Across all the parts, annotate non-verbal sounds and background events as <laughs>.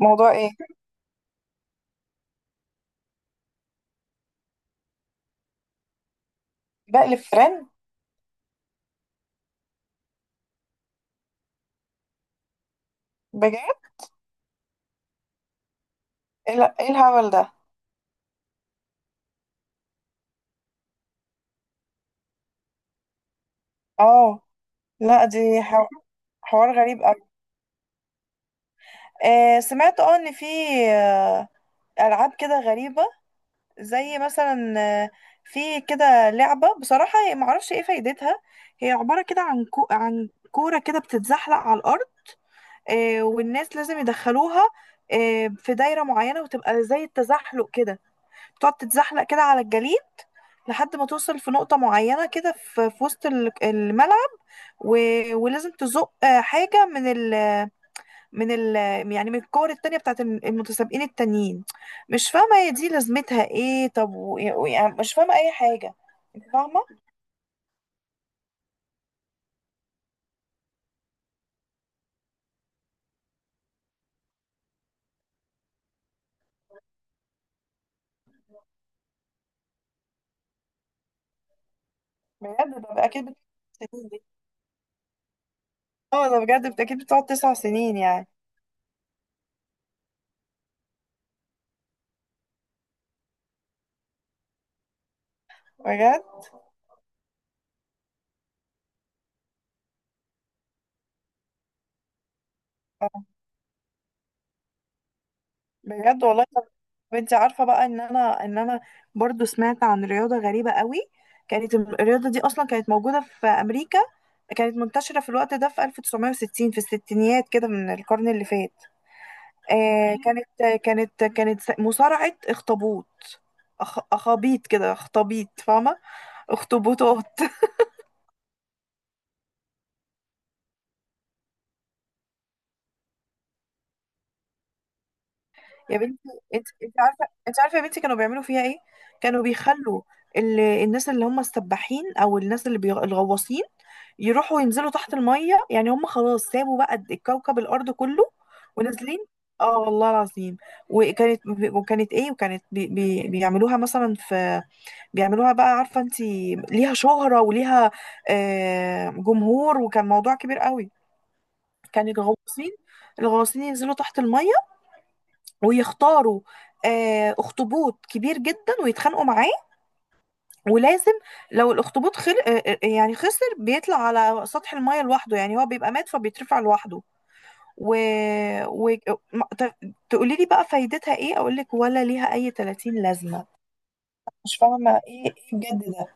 موضوع ايه؟ بقلب فرن. بجد؟ ايه لا- إيه الهبل ده؟ اه. لا، دي حوار غريب قوي. سمعت ان في آه، العاب كده غريبه. زي مثلا في كده لعبه، بصراحه هي معرفش ايه فايدتها. هي عباره كده عن كوره كده بتتزحلق على الارض. والناس لازم يدخلوها في دايره معينه، وتبقى زي التزحلق كده. تقعد تتزحلق كده على الجليد لحد ما توصل في نقطة معينة كده في وسط الملعب. و... ولازم تزق حاجة من ال... يعني من الكور التانية بتاعت المتسابقين التانيين. مش فاهمة هي دي لازمتها ايه؟ طب يعني مش فاهمة أي حاجة. انت فاهمة؟ بجد، ده أكيد سنين دي. اه، ده بجد أكيد بتقعد 9 سنين يعني. بجد. بجد والله. طب، انت عارفه بقى ان انا برضو سمعت عن رياضه غريبه قوي. كانت الرياضه دي اصلا كانت موجوده في امريكا. كانت منتشره في الوقت ده في 1960، في الستينيات كده من القرن اللي فات. كانت مصارعه اخطبوط. اخابيط كده، اخطبيط فاهمه؟ اخطبوطات. يا بنتي، انت عارفه، انت عارفه يا بنتي كانوا بيعملوا فيها ايه؟ كانوا بيخلوا الناس اللي هم السباحين، او الناس اللي الغواصين يروحوا ينزلوا تحت الميه. يعني هم خلاص سابوا بقى الكوكب الارض كله ونازلين. اه والله العظيم. وكانت وكانت ايه، وكانت بيعملوها مثلا في... بيعملوها بقى، عارفه انت، ليها شهره وليها جمهور، وكان موضوع كبير قوي. كان الغواصين ينزلوا تحت الميه ويختاروا اخطبوط كبير جدا ويتخانقوا معاه. ولازم، لو الاخطبوط خل... آه، آه، آه، يعني خسر، بيطلع على سطح المايه لوحده. يعني هو بيبقى مات فبيترفع لوحده. و... و... ما- ت- تقولي لي بقى فايدتها ايه؟ اقول لك ولا ليها اي 30 لازمه. مش فاهمة، ايه بجد ده.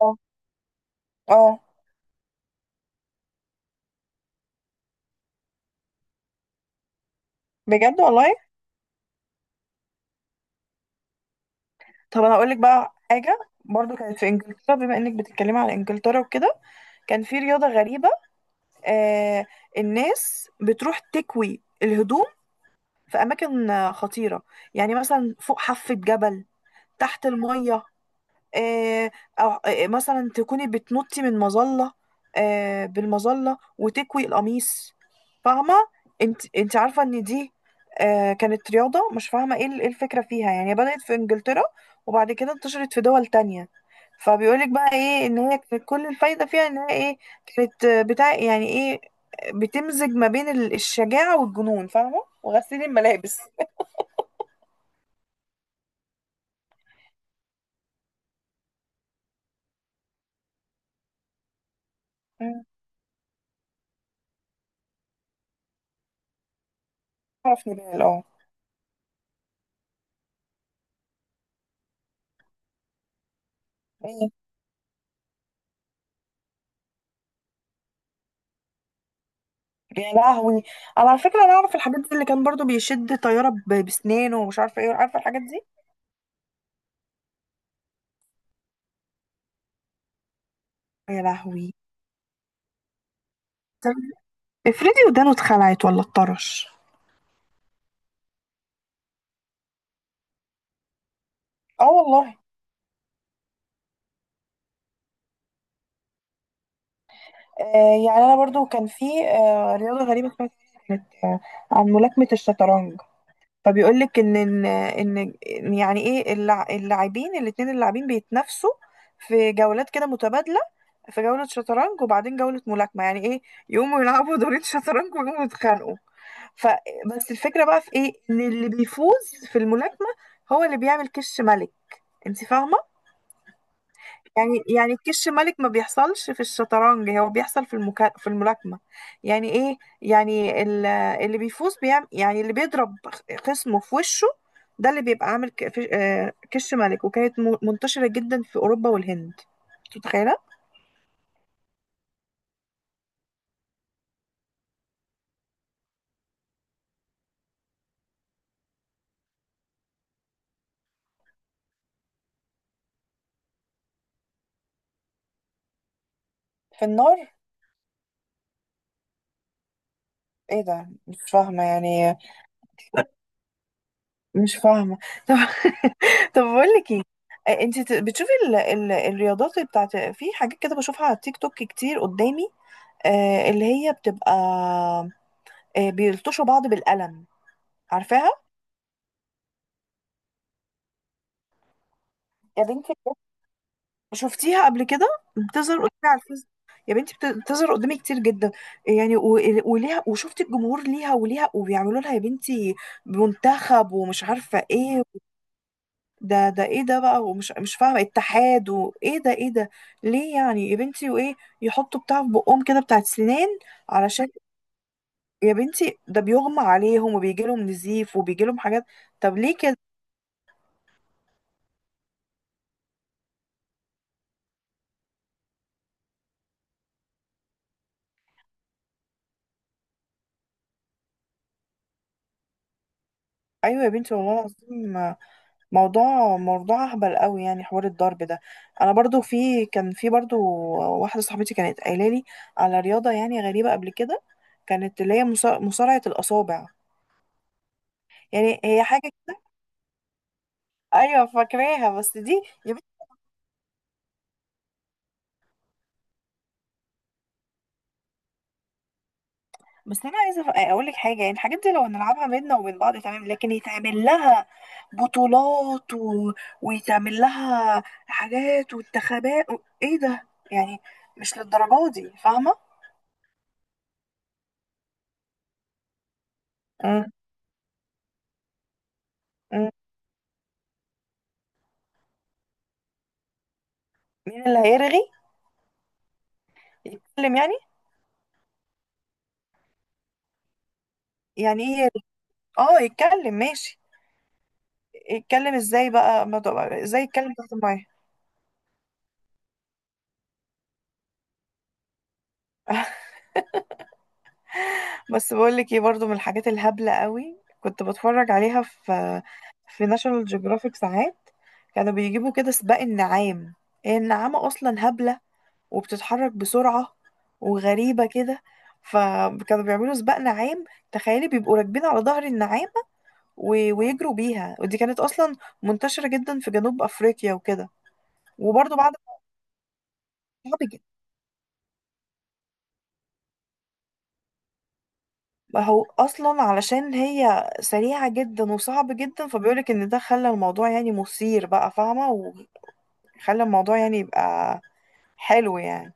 اه. آه. بجد والله. طب، انا اقول لك بقى حاجه. برضو كانت في انجلترا، بما انك بتتكلمي على انجلترا وكده، كان في رياضه غريبه. آه الناس بتروح تكوي الهدوم في أماكن خطيرة. يعني مثلا فوق حافة جبل، تحت المية، آه، أو مثلا تكوني بتنطي من مظلة، بالمظلة وتكوي القميص. فاهمة؟ انت عارفة ان دي كانت رياضة. مش فاهمة إيه الفكرة فيها، يعني هي بدأت في انجلترا، وبعد كده انتشرت في دول تانية. فبيقولك بقى ايه ان هي كانت كل الفايدة فيها ان هي ايه، كانت بتاع، يعني ايه، بتمزج ما بين الشجاعة والجنون، فاهمة، وغسيل الملابس. مم. اعرف نبال، اه. ايه. يا لهوي، انا على فكره انا اعرف الحاجات دي، اللي كان برضو بيشد طياره بسنانه ومش عارفه ايه. عارفه الحاجات دي. يا لهوي. طب، افرضي ودانه اتخلعت ولا اتطرش. اه والله. آه، يعني انا برضو كان في رياضه غريبه سمعت عنها، كانت عن ملاكمه الشطرنج. فبيقول لك ان ان ان إن يعني ايه اللاعبين الاثنين، اللاعبين بيتنافسوا في جولات كده متبادله، في جوله شطرنج وبعدين جوله ملاكمه. يعني ايه، يقوموا يلعبوا دورين شطرنج ويقوموا يتخانقوا. فبس الفكرة بقى في ايه، ان اللي بيفوز في الملاكمة هو اللي بيعمل كش ملك. انت فاهمة؟ يعني الكش ملك ما بيحصلش في الشطرنج، هو بيحصل في الملاكمة. يعني ايه، يعني اللي بيفوز بيعمل، يعني اللي بيضرب خصمه في وشه، ده اللي بيبقى عامل كش ملك. وكانت منتشرة جدا في أوروبا والهند. أنت متخيلة؟ في النار؟ ايه ده، مش فاهمة يعني. مش فاهمة. طب. <laughs> طب، بقول لك ايه، انت بتشوفي الرياضات بتاعت في حاجات كده بشوفها على التيك توك كتير قدامي. اللي هي بتبقى بيلطشوا بعض بالقلم. عارفاها؟ يا بنتي بجد، شفتيها قبل كده، بتظهر قدامي على الفيس. يا بنتي، بتظهر قدامي كتير جدا يعني. وليها، وشفت الجمهور ليها وليها وبيعملوا لها يا بنتي منتخب ومش عارفة ايه. ده ايه ده بقى، ومش مش فاهمه اتحاد وايه ده، ايه ده؟ ليه يعني يا بنتي، وايه يحطوا بتاع في بقهم كده بتاعت سنان؟ علشان، يا بنتي ده بيغمى عليهم وبيجي لهم نزيف وبيجي لهم حاجات. طب ليه كده؟ ايوه يا بنتي والله العظيم. موضوع، موضوع اهبل قوي يعني، حوار الضرب ده. انا برضو، في كان في برضو واحده صاحبتي كانت قايله لي على رياضه يعني غريبه قبل كده، كانت اللي هي مصارعه الاصابع. يعني هي حاجه كده. ايوه فاكراها، بس دي بس انا عايزه اقول لك حاجه، يعني الحاجات دي لو نلعبها بينا وبين بعض تمام، لكن يتعمل لها بطولات ويتعمل لها حاجات وانتخابات ايه ده يعني، مش للدرجه دي فاهمه. مم. مم. مين اللي هيرغي؟ يتكلم يعني؟ يعني ايه يرغي؟ اه يتكلم، ماشي. يتكلم ازاي بقى، ما تبقى- ازاي يتكلم تحت الميه؟ <laughs> بس بقول لك ايه، برضو من الحاجات الهبلة قوي كنت بتفرج عليها في ناشونال جيوغرافيك ساعات. كانوا بيجيبوا كده سباق النعام. هي النعامة اصلا هبلة، وبتتحرك بسرعة وغريبة كده، فكانوا بيعملوا سباق نعام. تخيلي بيبقوا راكبين على ظهر النعامة ويجروا بيها، ودي كانت اصلا منتشرة جدا في جنوب افريقيا وكده. وبرضو بعد. ما هو اصلا علشان هي سريعه جدا وصعب جدا، فبيقولك ان ده خلى الموضوع يعني مثير بقى، فاهمه، وخلى الموضوع يعني يبقى حلو يعني.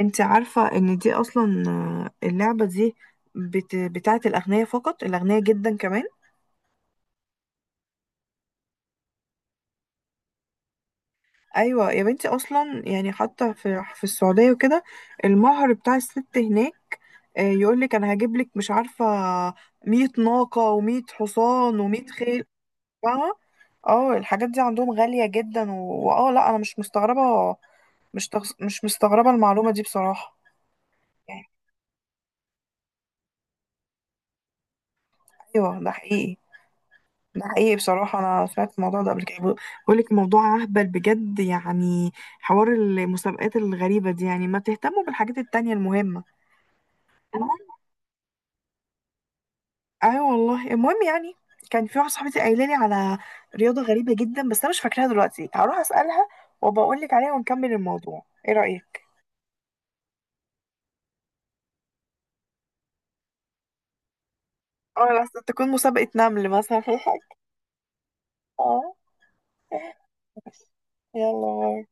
انت عارفه ان دي اصلا اللعبه دي بتاعه الاغنياء فقط، الاغنياء جدا كمان. ايوه يا بنتي، اصلا يعني حتى في السعوديه وكده، المهر بتاع الست هناك، يقولك انا هجيب لك، مش عارفه، 100 ناقه و100 حصان و100 خيل بقى. اه الحاجات دي عندهم غالية جدا واه، لا انا مش مستغربة، مش مستغربة المعلومة دي بصراحة، يعني. ايوه ده حقيقي، ده حقيقي بصراحة، انا سمعت الموضوع ده قبل كده. بقول لك الموضوع اهبل بجد يعني، حوار المسابقات الغريبة دي يعني، ما تهتموا بالحاجات التانية المهمة. المهم، ايوه والله، المهم يعني كان في واحدة صاحبتي قايلة لي على رياضة غريبة جدا، بس انا مش فاكراها دلوقتي، هروح اسألها وبقول لك عليها، ونكمل الموضوع، ايه رأيك؟ اه، لا تكون مسابقة نمل مثلا. <laughs> اه. يلا باي.